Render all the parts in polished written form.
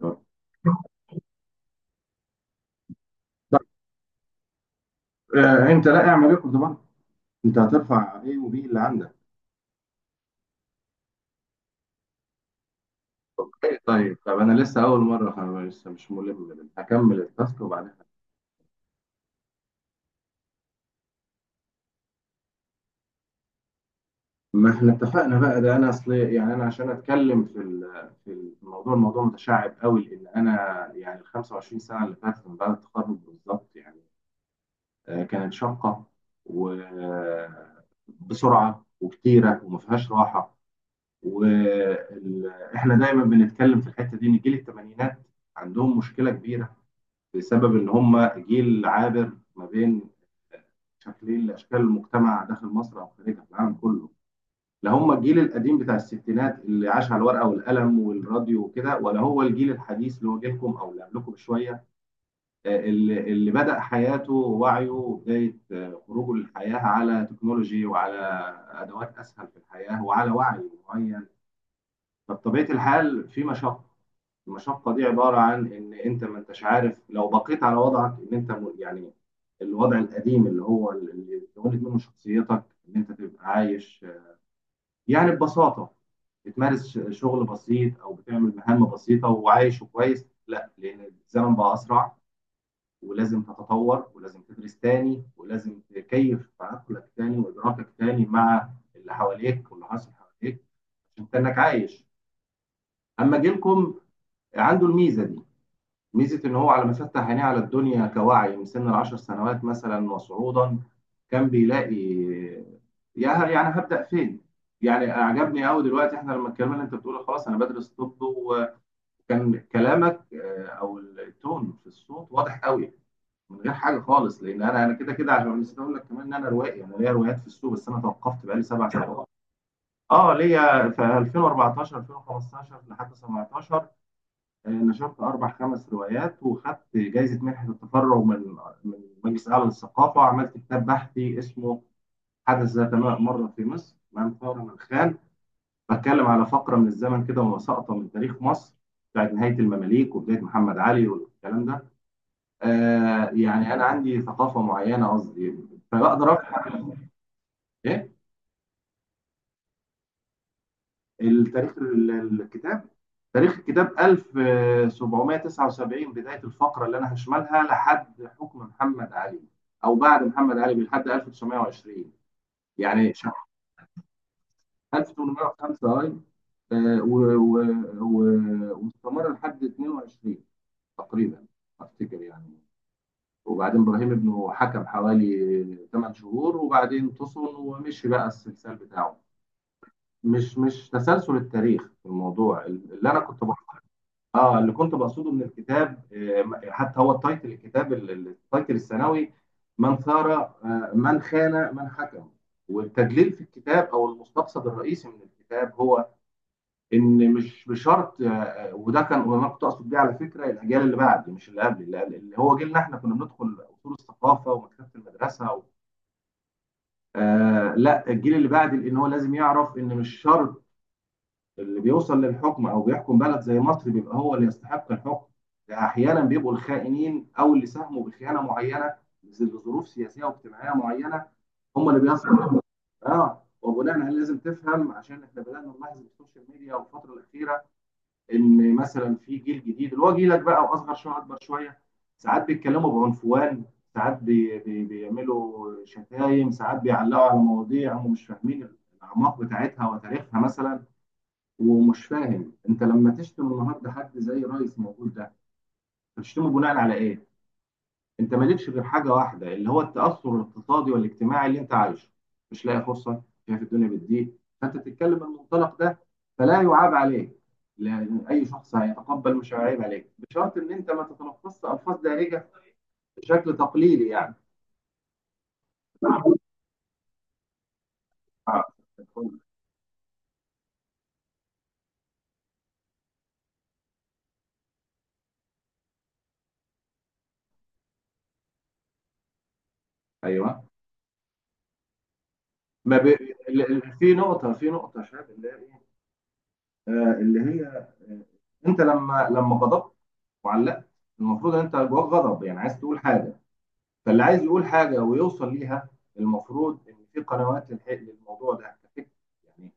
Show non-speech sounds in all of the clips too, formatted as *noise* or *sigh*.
طب. انت، لا اعمل ايه طبعا. انت هترفع ايه وبي اللي عندك؟ طيب طيب طب، انا لسه اول مره. أنا لسه مش ملم بال- هكمل التاسك وبعدين ما احنا اتفقنا بقى ده. انا اصل يعني انا عشان اتكلم في الموضوع. الموضوع متشعب قوي، لان انا يعني ال 25 سنه اللي فاتت من بعد التخرج بالظبط يعني كانت شاقه وبسرعه وكتيره وما فيهاش راحه. واحنا دايما بنتكلم في الحته دي، ان جيل الثمانينات عندهم مشكله كبيره بسبب ان هم جيل عابر ما بين شكلين لاشكال المجتمع داخل مصر او خارجها في العالم كله. لا هم الجيل القديم بتاع الستينات اللي عاش على الورقه والقلم والراديو وكده، ولا هو الجيل الحديث اللي هو جيلكم او اللي قبلكم بشويه. اللي بدا حياته ووعيه وبدايه خروجه للحياه على تكنولوجي وعلى ادوات اسهل في الحياه وعلى وعي معين. فبطبيعه الحال في مشقه. المشقة دي عبارة عن إن أنت ما أنتش عارف، لو بقيت على وضعك إن يعني الوضع القديم اللي هو اللي اتولد منه شخصيتك، إن أنت تبقى عايش يعني ببساطة، بتمارس شغل بسيط أو بتعمل مهام بسيطة وعايش كويس، لا، لأن الزمن بقى أسرع، ولازم تتطور، ولازم تدرس تاني، ولازم تكيف تعقلك تاني وإدراكك تاني مع اللي حواليك واللي حاصل حواليك، عشان تنك عايش. أما جيلكم، عنده الميزة دي. ميزة إن هو على ما فتح عينيه على الدنيا كوعي من سن العشر سنوات مثلا وصعودا، كان بيلاقي. يعني هبدأ فين؟ يعني أعجبني أوي دلوقتي إحنا لما اتكلمنا، أنت بتقول خلاص أنا بدرس طب، وكان كلامك أو التون في الصوت واضح أوي من غير حاجة خالص، لأن أنا كده كده، عشان نسيت أقول لك كمان إن أنا روائي، أنا ليا روايات في السوق، بس أنا توقفت بقالي سبع سنوات. أه، ليا في 2014، 2015 لحد 17 نشرت أربع خمس روايات، وخدت جايزة منحة التفرغ من مجلس أعلى للثقافة، وعملت كتاب بحثي اسمه حدث ذات مرة في مصر، أمام ثورة من خان. بتكلم على فقرة من الزمن كده، وسقطة من تاريخ مصر بتاعت نهاية المماليك وبداية محمد علي والكلام ده. آه، يعني أنا عندي ثقافة معينة، قصدي فبقدر أفهم. إيه التاريخ الكتاب؟ تاريخ الكتاب 1779 بداية الفقرة اللي أنا هشملها لحد حكم محمد علي، أو بعد محمد علي لحد 1920، يعني شهر. 1805، أي واستمر لحد 22 تقريبا، أفتكر يعني. وبعدين إبراهيم ابنه حكم حوالي 8 شهور، وبعدين فصل ومشي بقى السلسال بتاعه. مش تسلسل التاريخ في الموضوع اللي أنا كنت بحضره. اه، اللي كنت بقصده من الكتاب، حتى هو التايتل، الكتاب التايتل الثانوي، من ثار، من خان، من حكم. والتدليل في الكتاب او المستقصد الرئيسي من الكتاب، هو ان مش بشرط، وده كان وانا كنت اقصد بيه على فكره الاجيال اللي بعد، مش اللي قبل. اللي هو جيلنا احنا كنا بندخل اصول الثقافه ومكتبه المدرسه و... آه لا، الجيل اللي بعد، لان هو لازم يعرف ان مش شرط اللي بيوصل للحكم او بيحكم بلد زي مصر بيبقى هو اللي يستحق الحكم. احيانا بيبقوا الخائنين، او اللي ساهموا بخيانه معينه لظروف سياسيه واجتماعيه معينه، هم اللي بيصلوا. اه، وبناء عليه لازم تفهم، عشان احنا بدانا نلاحظ في السوشيال ميديا والفتره الاخيره ان مثلا في جيل جديد اللي هو جيلك بقى، واصغر شويه اكبر شويه، ساعات بيتكلموا بعنفوان، ساعات بي بي بيعملوا شتايم، ساعات بيعلقوا على مواضيع هم مش فاهمين الاعماق بتاعتها وتاريخها مثلا. ومش فاهم انت لما تشتم النهارده حد زي رئيس موجود ده، بتشتمه بناء على ايه؟ انت مالكش غير حاجه واحده، اللي هو التاثر الاقتصادي والاجتماعي اللي انت عايشه، مش لاقي فرصه، شايف الدنيا بتضيق، فانت تتكلم من المنطلق ده، فلا يعاب عليك. لان اي شخص هيتقبل، مش هيعيب عليك، بشرط ان انت ما تتلفظش الفاظ دارجه بشكل تقليدي يعني. آه. ايوه. ما ب... ال- ال- في نقطه، في نقطه، شايف اللي هي ايه، اللي هي انت لما غضبت وعلقت، المفروض ان انت جواك غضب، يعني عايز تقول حاجه، فاللي عايز يقول حاجه ويوصل ليها، المفروض ان في قنوات للموضوع ده كفكرة. يعني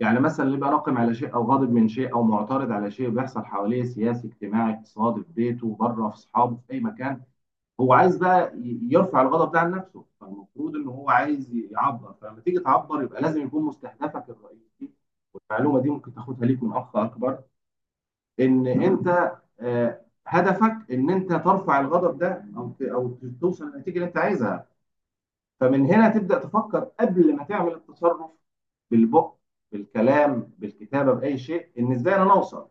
يعني مثلا اللي بقى ناقم على شيء، او غاضب من شيء، او معترض على شيء بيحصل حواليه، سياسي اجتماعي اقتصادي، في بيته، بره، في اصحابه، في اي مكان، هو عايز بقى يرفع الغضب ده عن نفسه، فالمفروض ان هو عايز يعبر. فلما تيجي تعبر، يبقى لازم يكون مستهدفك الرئيسي، والمعلومه دي ممكن تاخدها ليك من اخ اكبر، ان انت هدفك ان انت ترفع الغضب ده، او توصل للنتيجه اللي انت عايزها. فمن هنا تبدا تفكر قبل ما تعمل التصرف، بالبق، بالكلام، بالكتابه، باي شيء، ان ازاي انا اوصل.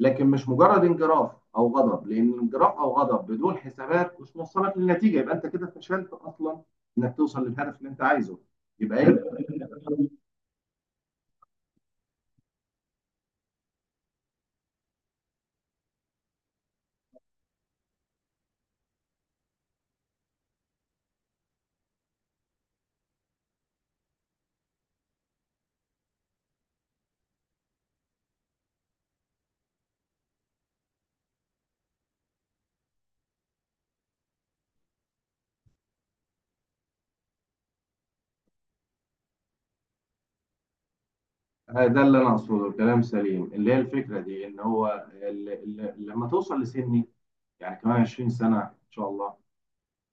لكن مش مجرد انجراف او غضب، لان انجراف او غضب بدون حسابات مش موصلك للنتيجه، يبقى انت كده فشلت اصلا انك توصل للهدف اللي انت عايزه، يبقى ايه؟ ده اللي انا اقصده، الكلام سليم. اللي هي الفكره دي ان هو لما توصل لسن، يعني كمان 20 سنة إن شاء الله،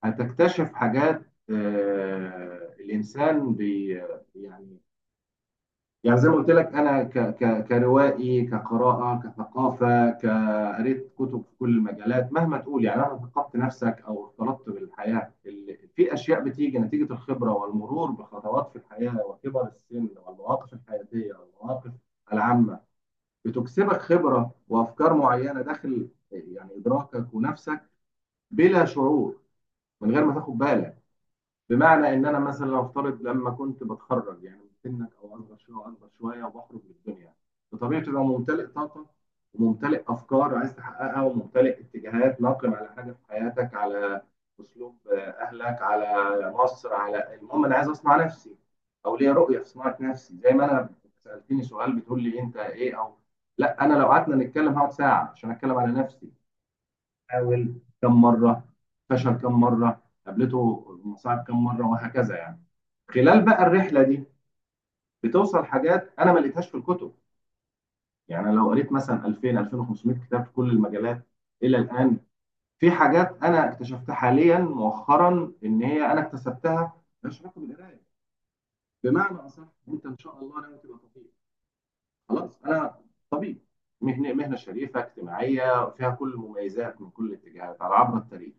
هتكتشف حاجات. الإنسان بي يعني يعني زي ما قلت لك، أنا ك ك كروائي، كقراءة، كثقافة، كقريت كتب في كل المجالات، مهما تقول يعني، مهما ثقفت نفسك أو اختلطت بالحياة، في أشياء بتيجي نتيجة الخبرة والمرور بخطوات في الحياة وكبر السن والمواقف الحياتية والمواقف العامة، بتكسبك خبرة وأفكار معينة داخل يعني إدراكك ونفسك بلا شعور، من غير ما تاخد بالك. بمعنى ان انا مثلا لو افترض لما كنت بتخرج، يعني من سنك او اصغر شويه واكبر شويه، وبخرج من الدنيا بطبيعتي بقى، ممتلئ طاقه وممتلئ افكار عايز تحققها، وممتلئ اتجاهات، ناقم على حاجه في حياتك، على اسلوب اهلك، على مصر، على المهم انا عايز اصنع نفسي، او ليا رؤيه في صناعه نفسي. زي ما انا سالتني سؤال بتقول لي انت ايه، او لا، انا لو قعدنا نتكلم هقعد ساعه عشان اتكلم على نفسي. حاول كم مره، فشل كم مره، قابلته مصاعب كم مره، وهكذا يعني. خلال بقى الرحله دي بتوصل حاجات انا ما لقيتهاش في الكتب. يعني أنا لو قريت مثلا 2000، 2500 كتاب في كل المجالات الى الان، في حاجات انا اكتشفتها حاليا مؤخرا ان هي انا اكتسبتها، مالهاش علاقه بالقرايه. بمعنى اصح، انت ان شاء الله ناوي تبقى طبيب، خلاص. انا طبيب، مهنه شريفه اجتماعيه فيها كل المميزات من كل الاتجاهات على عبر التاريخ.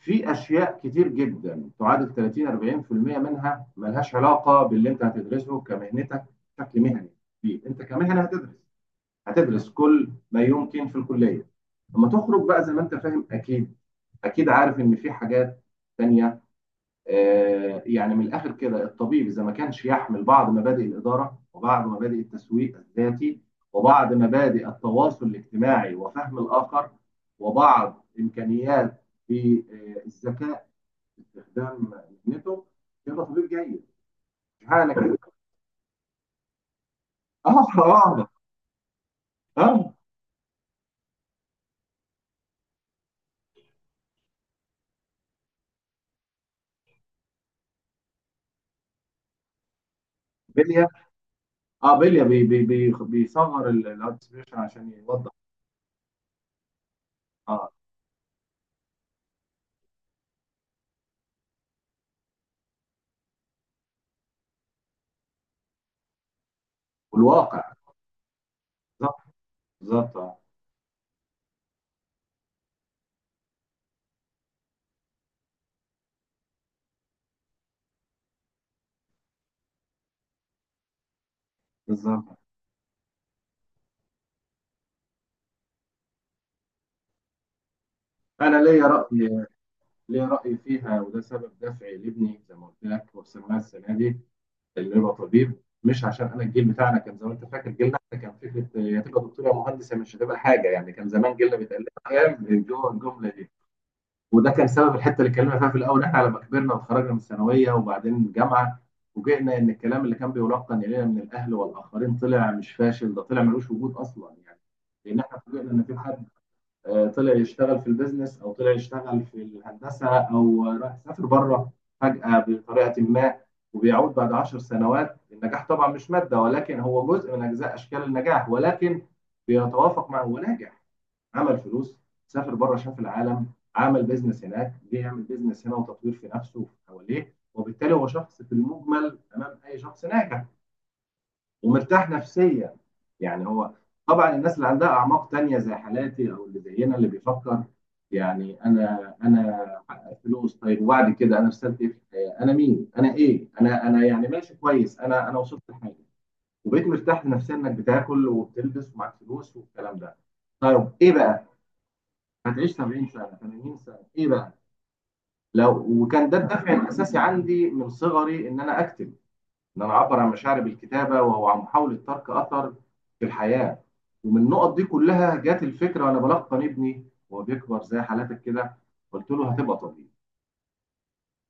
في اشياء كتير جدا تعادل 30 40% منها ملهاش علاقه باللي انت هتدرسه كمهنتك بشكل مهني فيه. انت كمهنه هتدرس، هتدرس كل ما يمكن في الكليه. لما تخرج بقى زي ما انت فاهم، اكيد اكيد عارف ان في حاجات تانية. آه يعني من الاخر كده، الطبيب اذا ما كانش يحمل بعض مبادئ الاداره، وبعض مبادئ التسويق الذاتي، وبعض مبادئ التواصل الاجتماعي وفهم الاخر، وبعض امكانيات في الذكاء، استخدام اذنته كده، تطوير جيد، مش حاجه كده. اه، واحده. اه، بليا. اه بليا، بي بي بي بيصغر الارتسبيشن عشان يوضح. اه، والواقع بالظبط، بالظبط، اه بالظبط. انا ليا راي، ليا راي فيها، وده سبب دافعي لابني زي ما قلت لك وسمناه السنه دي، اللي هو طبيب. مش عشان انا الجيل بتاعنا كان زي ما انت فاكر، جيلنا احنا كان فكره يا تبقى دكتور يا مهندس يا مش هتبقى حاجه، يعني كان زمان جيلنا بيتقال لنا ايام الجمله دي. وده كان سبب الحته اللي اتكلمنا فيها في الاول، ان احنا لما كبرنا وتخرجنا من الثانويه وبعدين الجامعه، فوجئنا ان الكلام اللي كان بيلقن الينا من الاهل والاخرين طلع مش فاشل، ده طلع ملوش وجود اصلا يعني. لان احنا فوجئنا ان في حد طلع يشتغل في البيزنس، او طلع يشتغل في الهندسه، او راح سافر بره فجاه بطريقه ما، وبيعود بعد عشر سنوات. النجاح طبعا مش ماده، ولكن هو جزء من اجزاء اشكال النجاح، ولكن بيتوافق مع هو ناجح، عمل فلوس، سافر بره، شاف العالم، عمل بيزنس هناك، جه يعمل بيزنس هنا، وتطوير في نفسه وفي حواليه، وبالتالي هو شخص في المجمل امام اي شخص ناجح ومرتاح نفسيا. يعني هو طبعا الناس اللي عندها اعماق تانية زي حالاتي، او اللي زينا اللي بيفكر يعني، انا حقق فلوس طيب، وبعد كده انا رسالتي ايه في الحياه؟ انا مين؟ انا ايه؟ انا يعني ماشي كويس، انا وصلت لحاجه، وبقيت مرتاح نفسيا، انك بتاكل وبتلبس ومعاك فلوس والكلام ده. طيب، ايه بقى؟ هتعيش 70 سنه، 80 سنه، ايه بقى؟ لو وكان ده الدافع الاساسي عندي من صغري، ان انا اكتب، ان انا اعبر عن مشاعري بالكتابه، وهو عن محاوله ترك اثر في الحياه. ومن النقط دي كلها جات الفكره، وانا بلقن ابني وهو بيكبر زي حالاتك كده. قلت له هتبقى طبيب.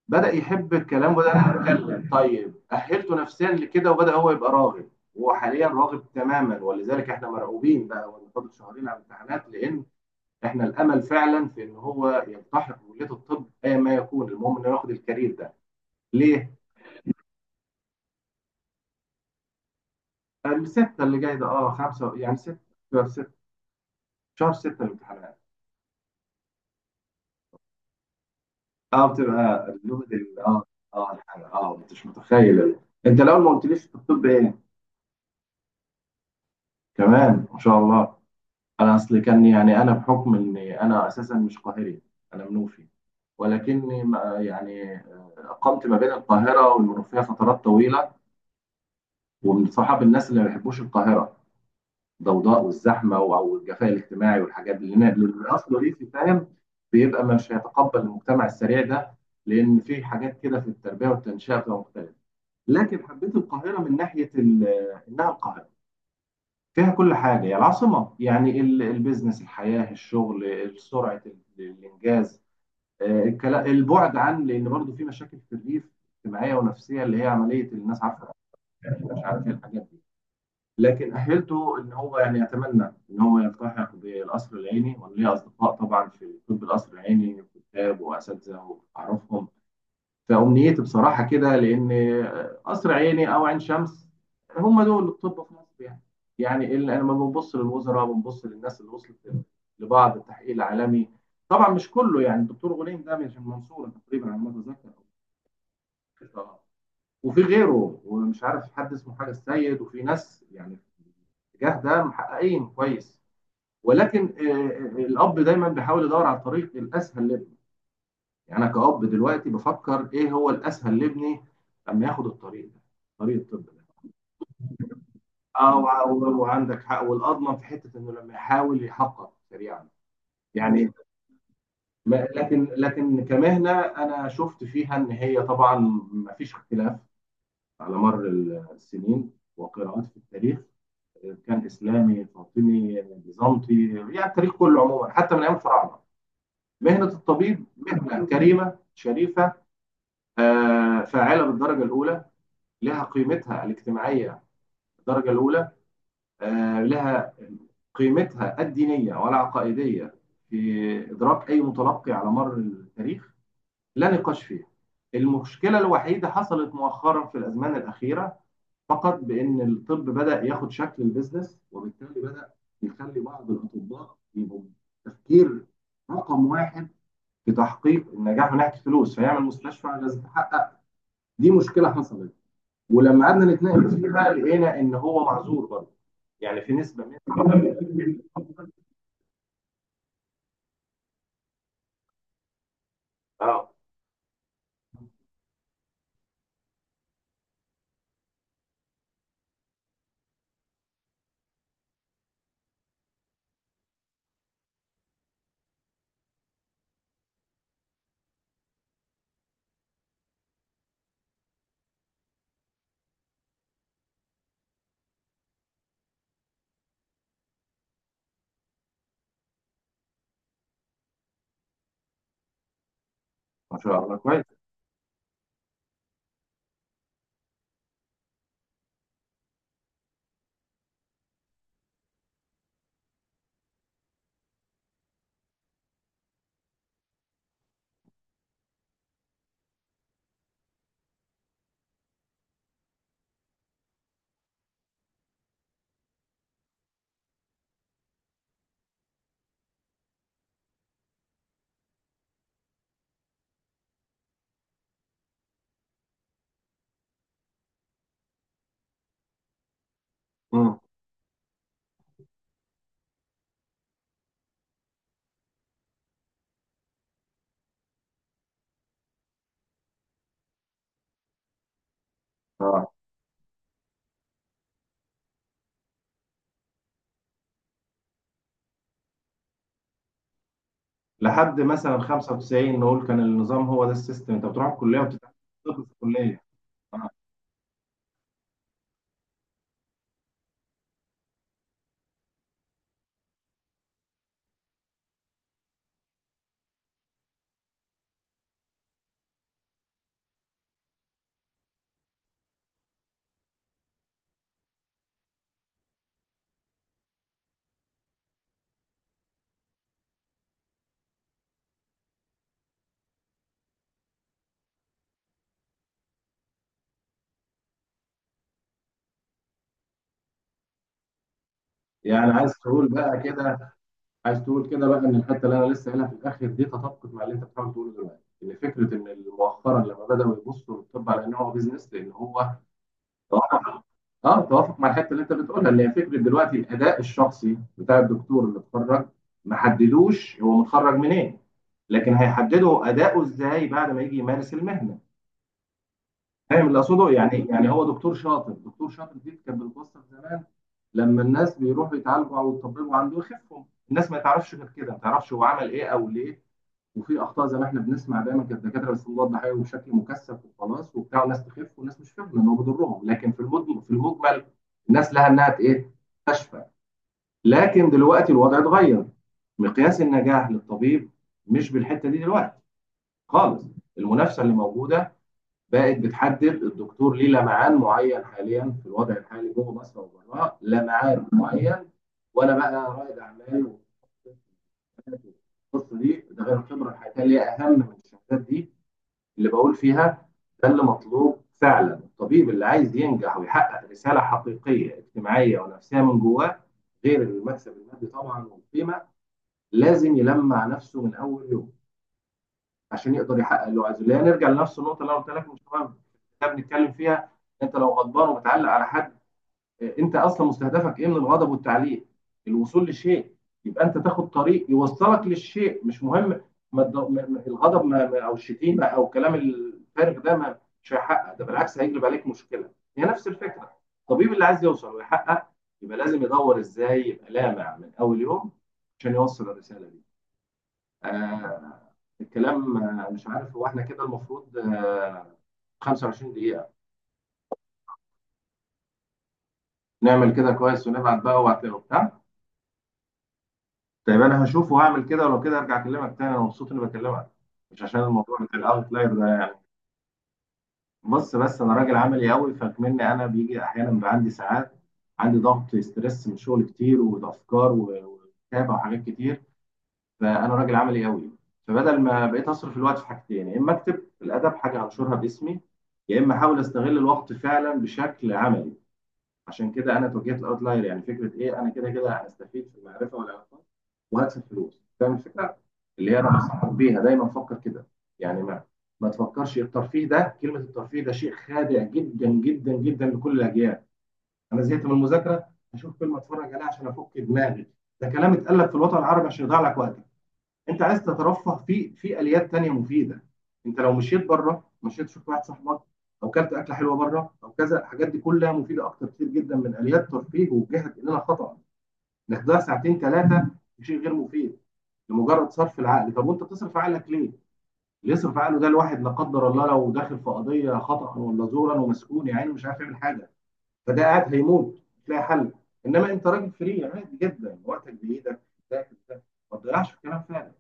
بدا يحب الكلام وبدا يتكلم، طيب اهلته نفسيا لكده وبدا هو يبقى راغب. وهو حاليا راغب تماما، ولذلك احنا مرعوبين بقى، وإن فاضل شهرين على الامتحانات، لان احنا الامل فعلا في ان هو يلتحق بكليه الطب، ايا ما يكون، المهم انه ياخد الكارير ده. ليه؟ الستة اللي جاي ده، خمسة يعني ستة. شهر ستة. شهر ستة الامتحانات. اه بتبقى لغة ال اه اه الحاجة، مش متخيل انت لو ما قلتليش في الطب ايه، كمان ما شاء الله. انا اصلي كان، يعني انا بحكم اني انا اساسا مش قاهري، انا منوفي. ولكني ما- يعني اقمت ما بين القاهرة والمنوفية فترات طويلة. ومن صحاب الناس اللي ما بيحبوش القاهرة، الضوضاء والزحمه او الجفاء الاجتماعي والحاجات دي، لأن اصله ريفي، فاهم؟ بيبقى مش هيتقبل المجتمع السريع ده، لان في حاجات كده في التربيه والتنشئه بتبقى مختلفه. لكن حبيت القاهره من ناحيه انها القاهره، فيها كل حاجه، هي العاصمه يعني، البيزنس، الحياه، الشغل، سرعه الانجاز. البعد عن، لان برضه في مشاكل في الريف اجتماعيه ونفسيه، اللي هي عمليه الناس عارفه، مش عارف ايه الحاجات دي. لكن أهلته إن هو يعني يتمنى إن هو يلتحق بالقصر العيني، وأنا ليا أصدقاء طبعا في طب القصر العيني، كتاب وأساتذة وأعرفهم. فأمنيتي بصراحة كده، لأن قصر عيني أو عين شمس، هم دول الطب في مصر يعني. يعني اللي لما بنبص للوزراء، بنبص للناس اللي وصلت لبعض التحقيق العالمي. طبعا مش كله، يعني الدكتور غليم ده من المنصورة تقريبا على ما أتذكر، وفي غيره، ومش عارف حد اسمه حاجة السيد، وفي ناس يعني الاتجاه ده محققين كويس. ولكن الاب دايما بيحاول يدور على الطريق الاسهل لابنه. يعني انا كاب دلوقتي بفكر ايه هو الاسهل لابني لما ياخد الطريق ده، طريق الطب ده. وعندك حق. والاضمن في حته انه لما يحاول يحقق سريعا يعني. لكن كمهنه انا شفت فيها ان هي طبعا ما فيش اختلاف، على مر السنين وقراءات في التاريخ، كان اسلامي، فاطمي، بيزنطي، يعني التاريخ كله عموما حتى من ايام الفراعنه، مهنة الطبيب مهنة كريمة شريفة. فاعلة بالدرجة الأولى، لها قيمتها الاجتماعية بالدرجة الأولى. لها قيمتها الدينية والعقائدية في إدراك أي متلقي على مر التاريخ، لا نقاش فيها. المشكلة الوحيدة حصلت مؤخرا في الأزمان الأخيرة فقط، بأن الطب بدأ ياخد شكل البزنس، وبالتالي بدأ يخلي بعض الأطباء يبقوا تفكير رقم واحد في تحقيق النجاح من ناحيه الفلوس، فيعمل مستشفى لازم تحقق. دي مشكله حصلت، ولما قعدنا نتناقش فيها لقينا ان هو معذور برضه. يعني في نسبه من، اه ما شاء الله كويس. امم. اه لحد مثلا 95 نقول، كان النظام هو ده السيستم، انت بتروح الكليه وبتتعلم طب في الكليه. اه يعني عايز تقول بقى كده، عايز تقول كده بقى، ان الحته اللي انا لسه قايلها في الاخر دي تطابقت مع اللي انت بتحاول تقوله دلوقتي، ان فكره ان مؤخرا لما بداوا يبصوا للطب على ان هو بيزنس، لان هو توافق. اه توافق مع الحته اللي انت بتقولها، اللي هي فكره دلوقتي الاداء الشخصي بتاع الدكتور اللي اتخرج، ما حددوش هو متخرج منين، لكن هيحددوا اداؤه ازاي بعد ما يجي يمارس المهنه. فاهم اللي اقصده يعني؟ يعني هو دكتور شاطر، دكتور شاطر دي كانت بتوصف زمان لما الناس بيروحوا يتعالجوا او يطببوا عنده يخفهم، الناس ما تعرفش غير كده، ما تعرفش هو عمل ايه او ليه. وفي اخطاء زي ما احنا بنسمع دايما، كانت الدكاتره بيصلوا الضحايا بشكل مكثف وخلاص وبتاع، وناس تخف وناس مش فاهمه ان هو بيضرهم، لكن في المجمل، في المجمل، الناس لها انها ت- ايه تشفى. لكن دلوقتي الوضع اتغير، مقياس النجاح للطبيب مش بالحته دي دلوقتي خالص. المنافسه اللي موجوده بقت بتحدد الدكتور، ليه لمعان معين حاليا في الوضع الحالي جوه مصر وبره، لمعان معين. وانا بقى رائد اعمال، والقصه دي، ده غير الخبره الحياتيه اللي هي اهم من الشهادات دي اللي بقول فيها. ده اللي مطلوب فعلا، الطبيب اللي عايز ينجح ويحقق رسالة حقيقية اجتماعية ونفسية من جواه، غير المكسب المادي طبعا والقيمة، لازم يلمع نفسه من أول يوم عشان يقدر يحقق اللي هو عايزه. لا، نرجع لنفس النقطة اللي أنا قلت لك من شوية بنتكلم فيها، أنت لو غضبان وبتعلق على حد، انت اصلا مستهدفك ايه من الغضب والتعليق؟ الوصول لشيء، يبقى انت تاخد طريق يوصلك للشيء، مش مهم. ما الض- ما- ما- الغضب، او الشتيمه او الكلام الفارغ ده، ما مش هيحقق ده، بالعكس هيجلب عليك مشكله. هي نفس الفكره، الطبيب اللي عايز يوصل ويحقق، يبقى لازم يدور ازاي يبقى لامع من اول يوم عشان يوصل الرساله دي. آه الكلام، مش عارف هو احنا كده المفروض، 25 دقيقه؟ نعمل كده كويس ونبعت بقى وبتاع. طيب انا هشوف وهعمل كده، ولو كده ارجع اكلمك تاني. انا مبسوط اني بكلمك، مش عشان الموضوع بتاع الاوتلاير ده يعني. بص، بس انا راجل عملي قوي، فكمني انا بيجي احيانا بيبقى عندي ساعات، عندي ضغط ستريس من شغل كتير، وافكار وكتابه وحاجات كتير، فانا راجل عملي قوي. فبدل ما بقيت اصرف الوقت في حاجتين، يا اما اكتب الادب، حاجه هنشرها باسمي، يا اما احاول استغل الوقت فعلا بشكل عملي. عشان كده انا توجهت الاوتلاير، يعني فكره ايه؟ انا كده كده هستفيد في المعرفه والعلاقات، وهكسب فلوس. فاهم الفكره؟ اللي هي انا بنصحك بيها دايما، فكر كده. يعني ما تفكرش الترفيه ده. كلمه الترفيه ده شيء خادع جدا جدا جدا لكل الاجيال. انا زهقت من المذاكره، هشوف فيلم اتفرج عليه عشان افك دماغي، ده كلام اتقال لك في الوطن العربي عشان يضيع لك وقتك. انت عايز تترفه، في في اليات تانية مفيده. انت لو مشيت بره، مشيت شفت واحد صاحبك، او كلت اكله حلوه بره، او كذا، الحاجات دي كلها مفيده اكتر كتير جدا من اليات ترفيه وجهت الينا خطا، انك تضيع ساعتين ثلاثه في شيء غير مفيد لمجرد صرف العقل. طب وانت بتصرف عقلك ليه؟ اللي يصرف عقله ده الواحد، لا قدر الله، لو داخل في قضيه خطا ولا زورا ومسكون، يا عيني مش عارف يعمل حاجه، فده قاعد هيموت مش لاقي حل. انما انت راجل فري عادي جدا، وقتك بايدك. ده ده ما تضيعش في كلام فارغ،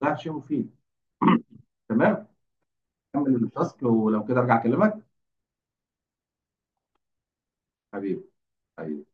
تضيع في شيء مفيد. *clears throat* تمام، كمل التاسك ولو كده ارجع اكلمك. حبيبي، حبيبي.